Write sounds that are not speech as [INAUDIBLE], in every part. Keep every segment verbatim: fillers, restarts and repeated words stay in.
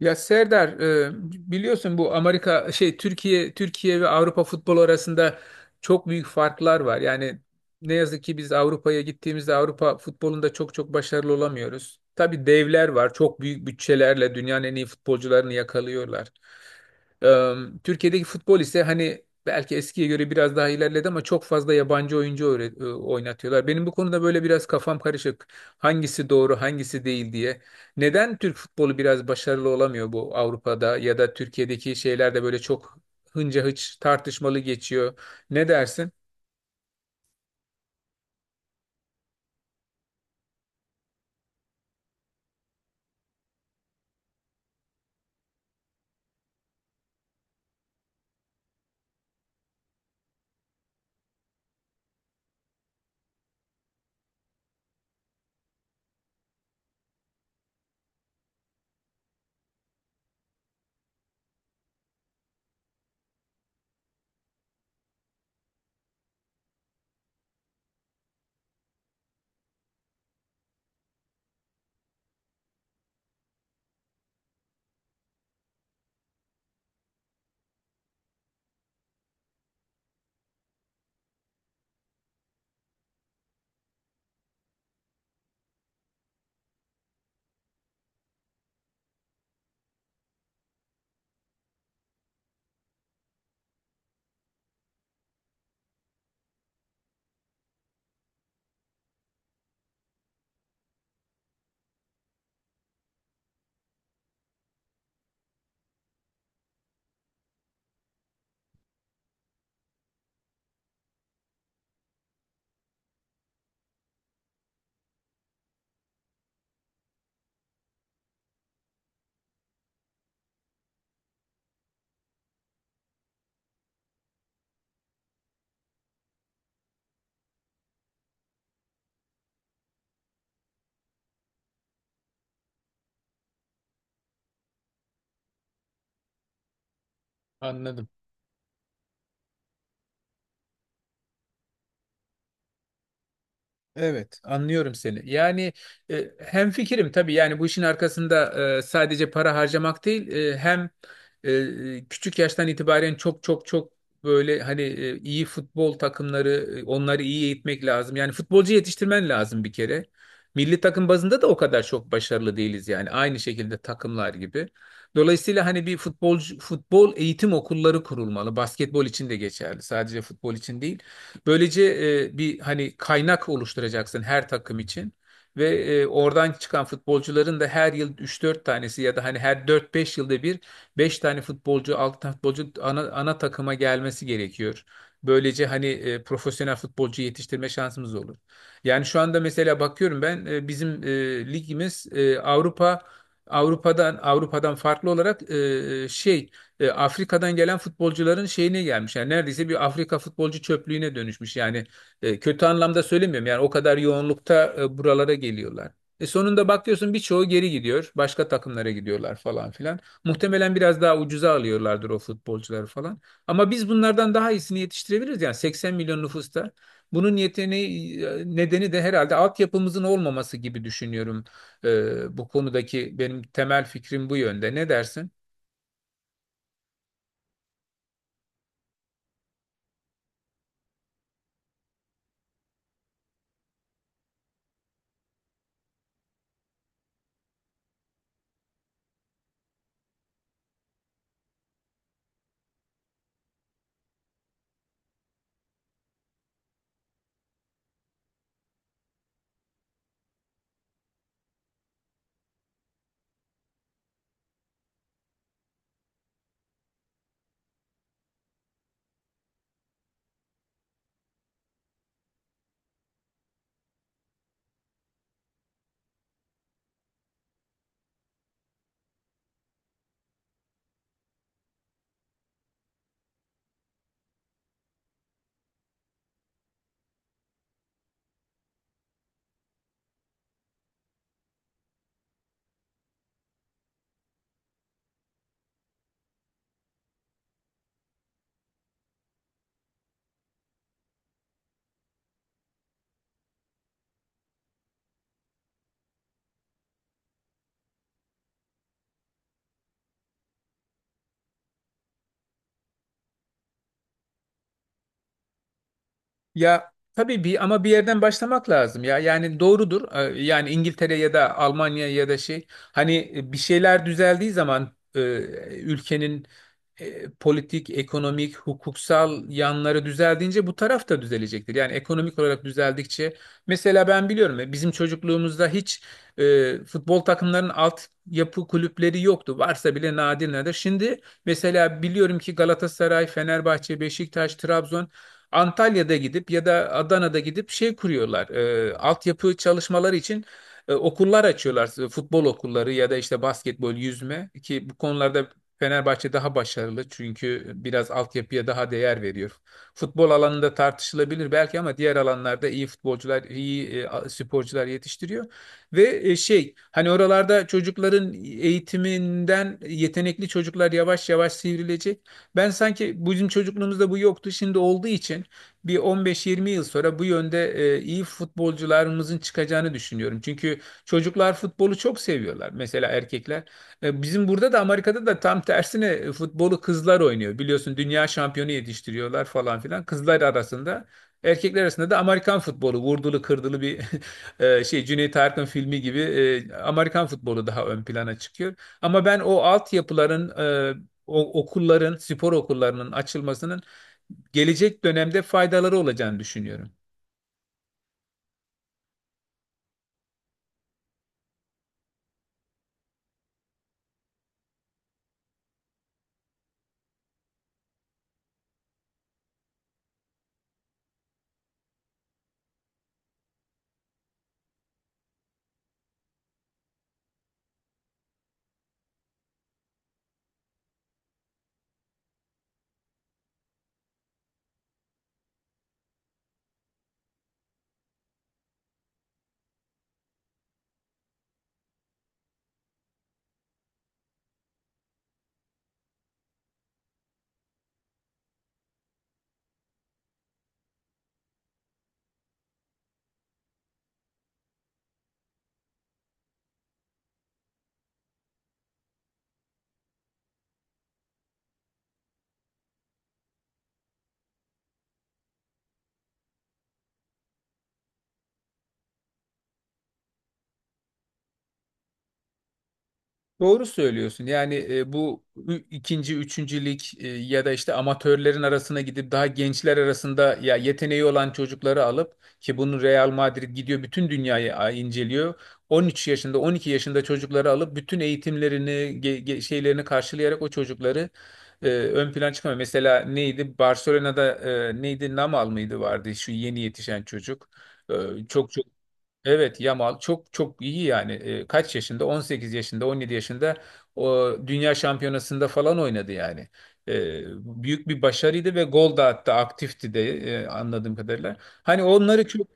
Ya Serdar e, biliyorsun bu Amerika şey Türkiye Türkiye ve Avrupa futbolu arasında çok büyük farklar var. Yani ne yazık ki biz Avrupa'ya gittiğimizde Avrupa futbolunda çok çok başarılı olamıyoruz. Tabii devler var. Çok büyük bütçelerle dünyanın en iyi futbolcularını yakalıyorlar. E, Türkiye'deki futbol ise hani belki eskiye göre biraz daha ilerledi ama çok fazla yabancı oyuncu öğre- e, oynatıyorlar. Benim bu konuda böyle biraz kafam karışık. Hangisi doğru, hangisi değil diye. Neden Türk futbolu biraz başarılı olamıyor bu Avrupa'da ya da Türkiye'deki şeyler de böyle çok hınca hıç tartışmalı geçiyor. Ne dersin? Anladım. Evet, anlıyorum seni. Yani e, hemfikirim tabii yani bu işin arkasında e, sadece para harcamak değil e, hem e, e, küçük yaştan itibaren çok çok çok böyle hani e, iyi futbol takımları, e, onları iyi eğitmek lazım. Yani futbolcu yetiştirmen lazım bir kere. Milli takım bazında da o kadar çok başarılı değiliz yani aynı şekilde takımlar gibi. Dolayısıyla hani bir futbolcu futbol eğitim okulları kurulmalı. Basketbol için de geçerli. Sadece futbol için değil. Böylece e, bir hani kaynak oluşturacaksın her takım için ve e, oradan çıkan futbolcuların da her yıl üç dört tanesi ya da hani her dört beş yılda bir beş tane futbolcu, altı tane futbolcu ana, ana takıma gelmesi gerekiyor. Böylece hani e, profesyonel futbolcu yetiştirme şansımız olur. Yani şu anda mesela bakıyorum ben, e, bizim e, ligimiz e, Avrupa Avrupa'dan Avrupa'dan farklı olarak e, e, şey e, Afrika'dan gelen futbolcuların şeyine gelmiş. Yani neredeyse bir Afrika futbolcu çöplüğüne dönüşmüş. Yani e, kötü anlamda söylemiyorum. Yani o kadar yoğunlukta e, buralara geliyorlar. E sonunda bakıyorsun birçoğu geri gidiyor. Başka takımlara gidiyorlar falan filan. Muhtemelen biraz daha ucuza alıyorlardır o futbolcuları falan. Ama biz bunlardan daha iyisini yetiştirebiliriz. Yani seksen milyon nüfusta. Bunun yeteneği, nedeni de herhalde altyapımızın olmaması gibi düşünüyorum. E, bu konudaki benim temel fikrim bu yönde. Ne dersin? Ya tabii bir ama bir yerden başlamak lazım ya. Yani doğrudur. Ee, Yani İngiltere ya da Almanya ya da şey hani e, bir şeyler düzeldiği zaman, e, ülkenin e, politik, ekonomik, hukuksal yanları düzeldiğince bu taraf da düzelecektir. Yani ekonomik olarak düzeldikçe mesela ben biliyorum ya, bizim çocukluğumuzda hiç e, futbol takımlarının alt yapı kulüpleri yoktu. Varsa bile nadir nadir. Şimdi mesela biliyorum ki Galatasaray, Fenerbahçe, Beşiktaş, Trabzon, Antalya'da gidip ya da Adana'da gidip şey kuruyorlar. E, altyapı çalışmaları için e, okullar açıyorlar. e, Futbol okulları ya da işte basketbol, yüzme, ki bu konularda Fenerbahçe daha başarılı çünkü biraz altyapıya daha değer veriyor. Futbol alanında tartışılabilir belki ama diğer alanlarda iyi futbolcular, iyi e, sporcular yetiştiriyor. Ve e, şey hani oralarda çocukların eğitiminden yetenekli çocuklar yavaş yavaş sivrilecek. Ben sanki bizim çocukluğumuzda bu yoktu. Şimdi olduğu için bir on beş yirmi yıl sonra bu yönde e, iyi futbolcularımızın çıkacağını düşünüyorum. Çünkü çocuklar futbolu çok seviyorlar. Mesela erkekler. E, bizim burada da Amerika'da da tam tersine e, futbolu kızlar oynuyor. Biliyorsun dünya şampiyonu yetiştiriyorlar falan filan. Kızlar arasında. Erkekler arasında da Amerikan futbolu vurdulu kırdılı bir [LAUGHS] e, şey Cüneyt Arkın filmi gibi, e, Amerikan futbolu daha ön plana çıkıyor. Ama ben o altyapıların, e, o okulların, spor okullarının açılmasının gelecek dönemde faydaları olacağını düşünüyorum. Doğru söylüyorsun. Yani e, bu ü- ikinci, üçüncü lig, e, ya da işte amatörlerin arasına gidip daha gençler arasında ya yeteneği olan çocukları alıp, ki bunu Real Madrid gidiyor, bütün dünyayı a- inceliyor. on üç yaşında, on iki yaşında çocukları alıp bütün eğitimlerini, ge- ge- şeylerini karşılayarak o çocukları e, ön plana çıkmıyor. Mesela neydi? Barcelona'da e, neydi? Namal mıydı vardı şu yeni yetişen çocuk. E, çok çok Evet, Yamal çok çok iyi yani. E, kaç yaşında? on sekiz yaşında, on yedi yaşında o dünya şampiyonasında falan oynadı yani. E, Büyük bir başarıydı ve gol da attı, aktifti de, e, anladığım kadarıyla. Hani onları çok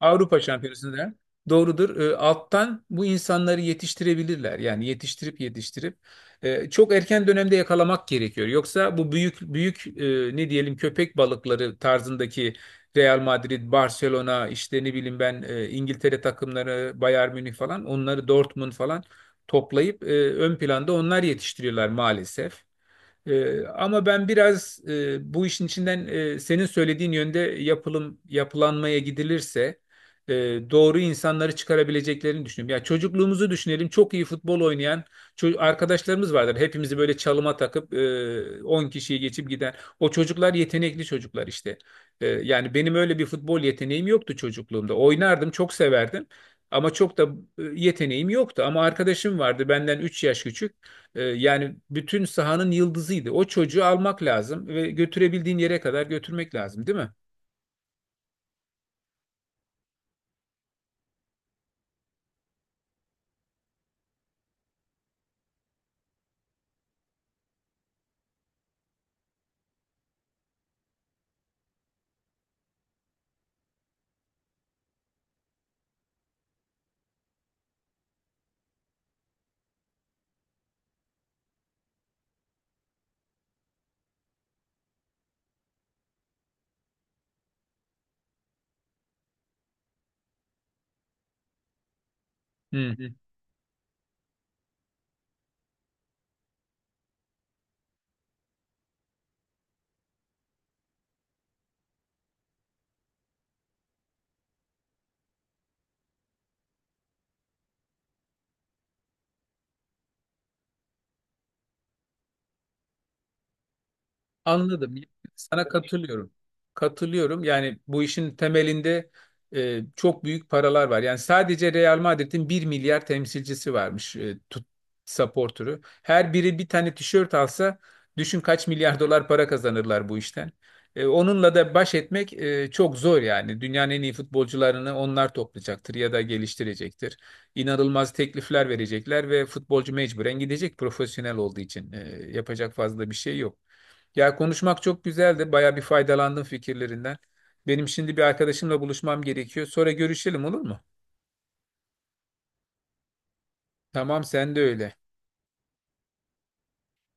Avrupa Şampiyonası'nda doğrudur. E, alttan bu insanları yetiştirebilirler. Yani yetiştirip yetiştirip e, çok erken dönemde yakalamak gerekiyor. Yoksa bu büyük büyük e, ne diyelim köpek balıkları tarzındaki Real Madrid, Barcelona, işte ne bileyim ben, e, İngiltere takımları, Bayern Münih falan, onları Dortmund falan toplayıp e, ön planda onlar yetiştiriyorlar maalesef. Ee, ama ben biraz, e, bu işin içinden, e, senin söylediğin yönde yapılım yapılanmaya gidilirse e, doğru insanları çıkarabileceklerini düşünüyorum. Ya çocukluğumuzu düşünelim. Çok iyi futbol oynayan ço- arkadaşlarımız vardır. Hepimizi böyle çalıma takıp e, on kişiyi geçip giden. O çocuklar yetenekli çocuklar işte. E, yani benim öyle bir futbol yeteneğim yoktu çocukluğumda. Oynardım, çok severdim. Ama çok da e, yeteneğim yoktu. Ama arkadaşım vardı benden üç yaş küçük. Ee, yani bütün sahanın yıldızıydı. O çocuğu almak lazım ve götürebildiğin yere kadar götürmek lazım, değil mi? Hı. Anladım. Sana katılıyorum. Katılıyorum. Yani bu işin temelinde e, çok büyük paralar var. Yani sadece Real Madrid'in bir milyar temsilcisi varmış, e, tut, supporter'ı. Her biri bir tane tişört alsa düşün kaç milyar [LAUGHS] dolar para kazanırlar bu işten. E, onunla da baş etmek e, çok zor yani. Dünyanın en iyi futbolcularını onlar toplayacaktır ya da geliştirecektir. İnanılmaz teklifler verecekler ve futbolcu mecburen gidecek profesyonel olduğu için. E, yapacak fazla bir şey yok. Ya konuşmak çok güzeldi. Baya bir faydalandım fikirlerinden. Benim şimdi bir arkadaşımla buluşmam gerekiyor. Sonra görüşelim olur mu? Tamam, sen de öyle.